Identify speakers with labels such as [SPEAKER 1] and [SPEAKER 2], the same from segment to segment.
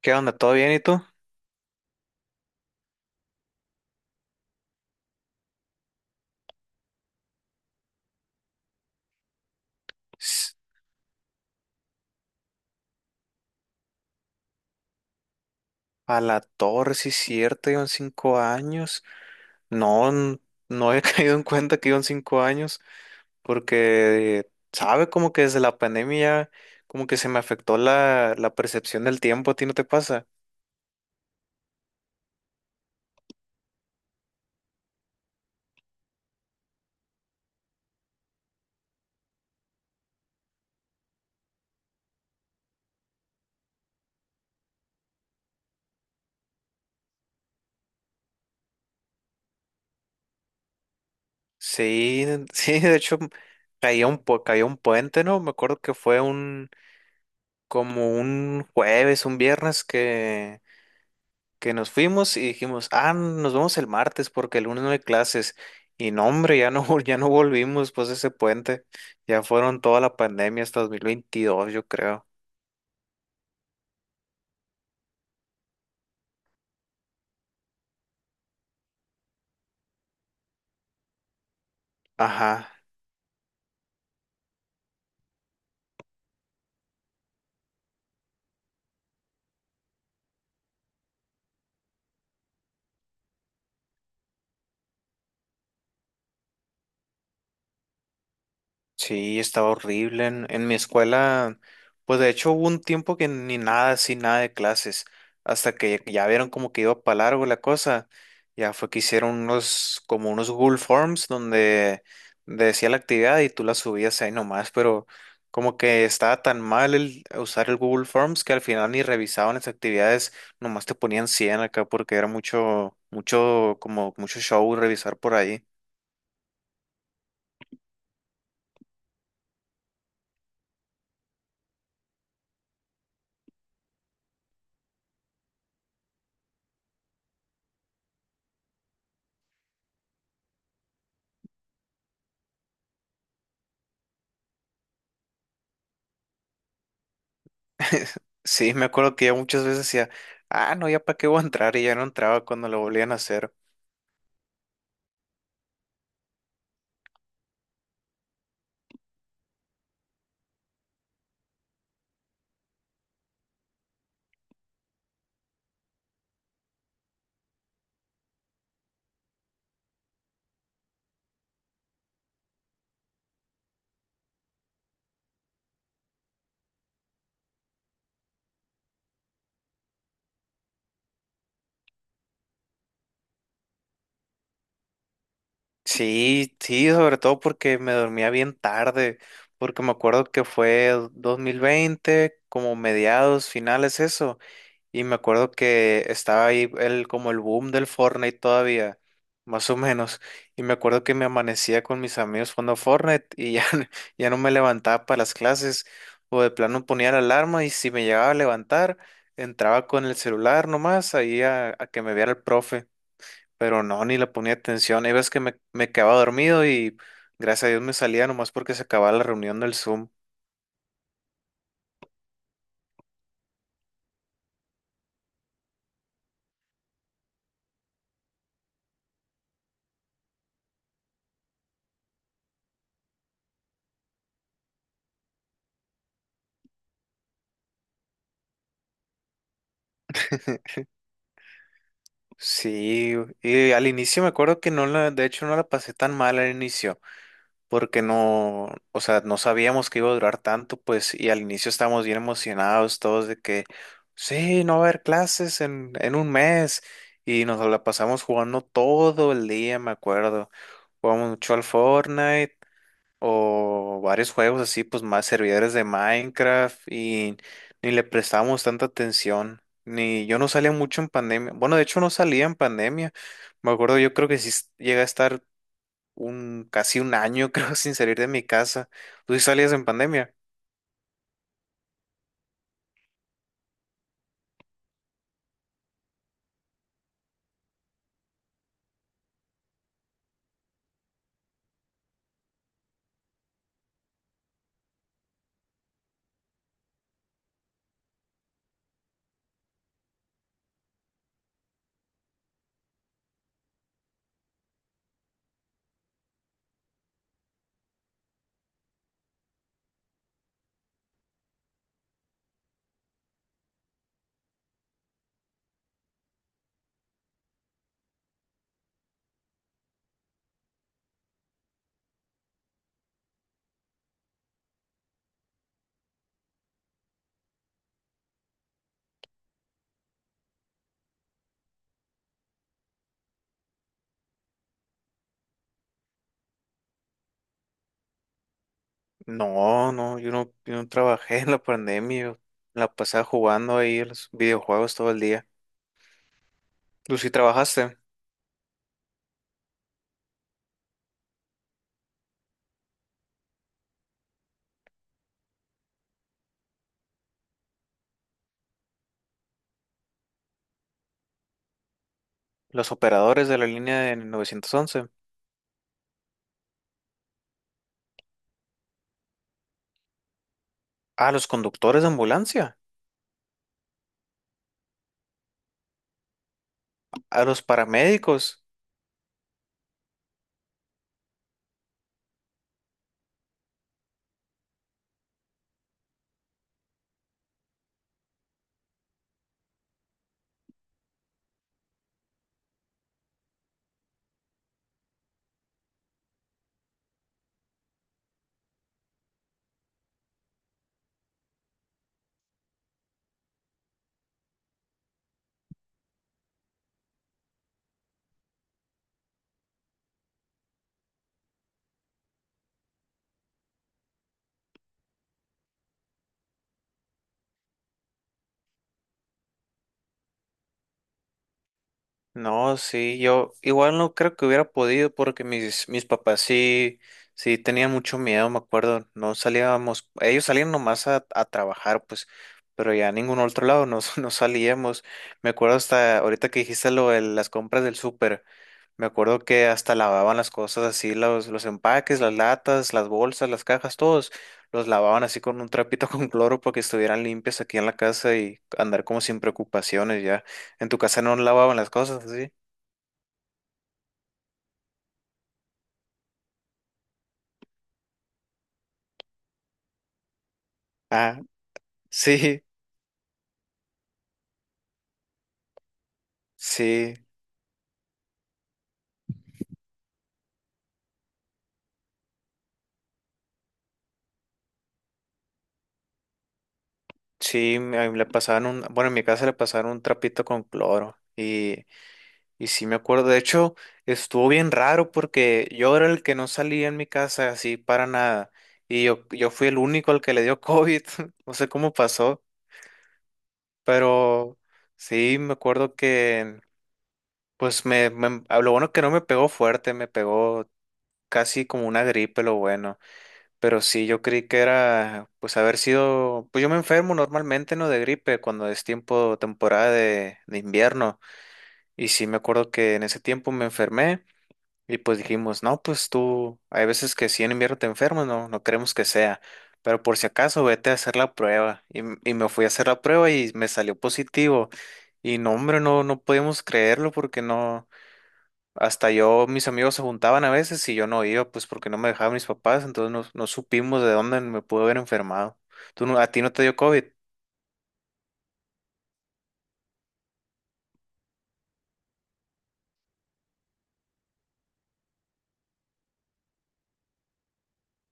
[SPEAKER 1] ¿Qué onda? ¿Todo bien y tú? S- A la torre, sí, es cierto, llevan 5 años. No, no he caído en cuenta que llevan 5 años, porque, ¿sabe? Como que desde la pandemia, como que se me afectó la percepción del tiempo, ¿a ti no te pasa? Sí, sí, de hecho, caía un puente, ¿no? Me acuerdo que fue como un jueves, un viernes que nos fuimos y dijimos, ah, nos vemos el martes porque el lunes no hay clases. Y no, hombre, ya no, ya no volvimos pues de ese puente. Ya fueron toda la pandemia hasta 2022, yo creo. Ajá. Sí, estaba horrible. En mi escuela, pues de hecho hubo un tiempo que ni nada, así nada de clases, hasta que ya vieron como que iba para largo la cosa. Ya fue que hicieron unos, como unos Google Forms donde decía la actividad y tú la subías ahí nomás, pero como que estaba tan mal el usar el Google Forms que al final ni revisaban las actividades, nomás te ponían 100 acá porque era mucho, mucho, como mucho show revisar por ahí. Sí, me acuerdo que ya muchas veces decía, ah, no, ya para qué voy a entrar y ya no entraba cuando lo volvían a hacer. Sí, sí, sobre todo porque me dormía bien tarde, porque me acuerdo que fue 2020, como mediados, finales, eso. Y me acuerdo que estaba ahí el, como el boom del Fortnite todavía, más o menos. Y me acuerdo que me amanecía con mis amigos jugando Fortnite y ya, ya no me levantaba para las clases. O de plano ponía la alarma y si me llegaba a levantar, entraba con el celular nomás ahí a que me viera el profe. Pero no, ni le ponía atención. Hay veces que me quedaba dormido y gracias a Dios me salía nomás porque se acababa la reunión del Zoom. Sí, y al inicio me acuerdo que no la, de hecho no la pasé tan mal al inicio, porque no, o sea, no sabíamos que iba a durar tanto, pues, y al inicio estábamos bien emocionados todos de que, sí, no va a haber clases en un mes, y nos la pasamos jugando todo el día, me acuerdo. Jugamos mucho al Fortnite, o varios juegos así, pues más servidores de Minecraft y ni le prestábamos tanta atención. Ni yo no salía mucho en pandemia. Bueno, de hecho no salía en pandemia. Me acuerdo, yo creo que sí llegué a estar un casi un año, creo, sin salir de mi casa. ¿Tú sí salías en pandemia? No, no, yo no, trabajé en la pandemia. Yo la pasaba jugando ahí a los videojuegos todo el día. ¿Tú sí trabajaste? Los operadores de la línea de 911. Ah, los conductores de ambulancia. A los paramédicos. No, sí, yo igual no creo que hubiera podido porque mis papás sí, sí tenían mucho miedo, me acuerdo. No salíamos, ellos salían nomás a trabajar, pues, pero ya a ningún otro lado no, no salíamos. Me acuerdo hasta ahorita que dijiste lo de las compras del súper. Me acuerdo que hasta lavaban las cosas así, los empaques, las latas, las bolsas, las cajas, todos los lavaban así con un trapito con cloro para que estuvieran limpias aquí en la casa y andar como sin preocupaciones ya. En tu casa no lavaban las cosas así. Ah, sí, sí, sí, a mí le pasaban un, bueno, en mi casa le pasaron un trapito con cloro y Y sí me acuerdo, de hecho, estuvo bien raro porque yo era el que no salía en mi casa así para nada. Y yo fui el único al que le dio COVID. No sé cómo pasó, pero sí me acuerdo que, pues a lo bueno que no me pegó fuerte, me pegó casi como una gripe, lo bueno. Pero sí, yo creí que era, pues haber sido, pues yo me enfermo normalmente, ¿no? De gripe cuando es tiempo, temporada de, invierno. Y sí me acuerdo que en ese tiempo me enfermé. Y pues dijimos, no, pues tú, hay veces que si en invierno te enfermas, no, no queremos que sea, pero por si acaso vete a hacer la prueba. Y, y me fui a hacer la prueba y me salió positivo. Y no, hombre, no, no podíamos creerlo porque no, hasta yo, mis amigos se juntaban a veces y yo no iba, pues porque no me dejaban mis papás, entonces no, no supimos de dónde me pude haber enfermado. ¿Tú no, a ti no te dio COVID?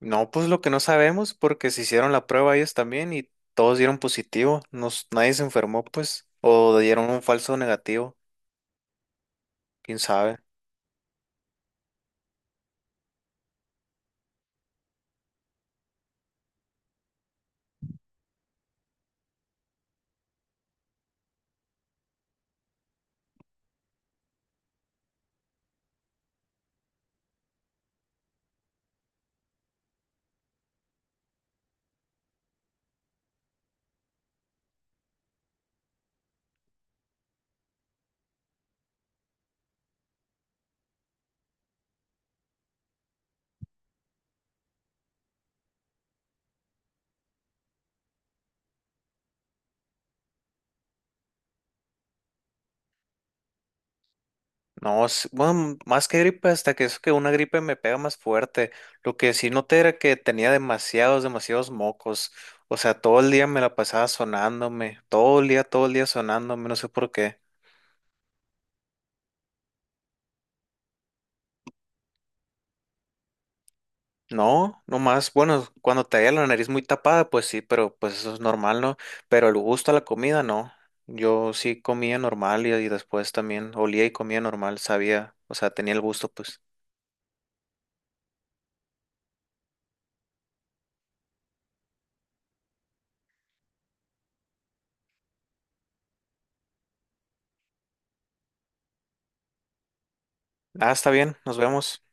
[SPEAKER 1] No, pues lo que no sabemos, porque se hicieron la prueba ellos también y todos dieron positivo. Nadie se enfermó, pues, o dieron un falso negativo, quién sabe. No, bueno, más que gripe, hasta que eso que una gripe me pega más fuerte. Lo que sí noté era que tenía demasiados, demasiados mocos. O sea, todo el día me la pasaba sonándome, todo el día sonándome, no sé por qué. No, no más. Bueno, cuando te haya la nariz muy tapada, pues sí, pero pues eso es normal, ¿no? Pero el gusto a la comida, no. Yo sí comía normal y después también olía y comía normal, sabía, o sea, tenía el gusto, pues. Ah, está bien, nos vemos.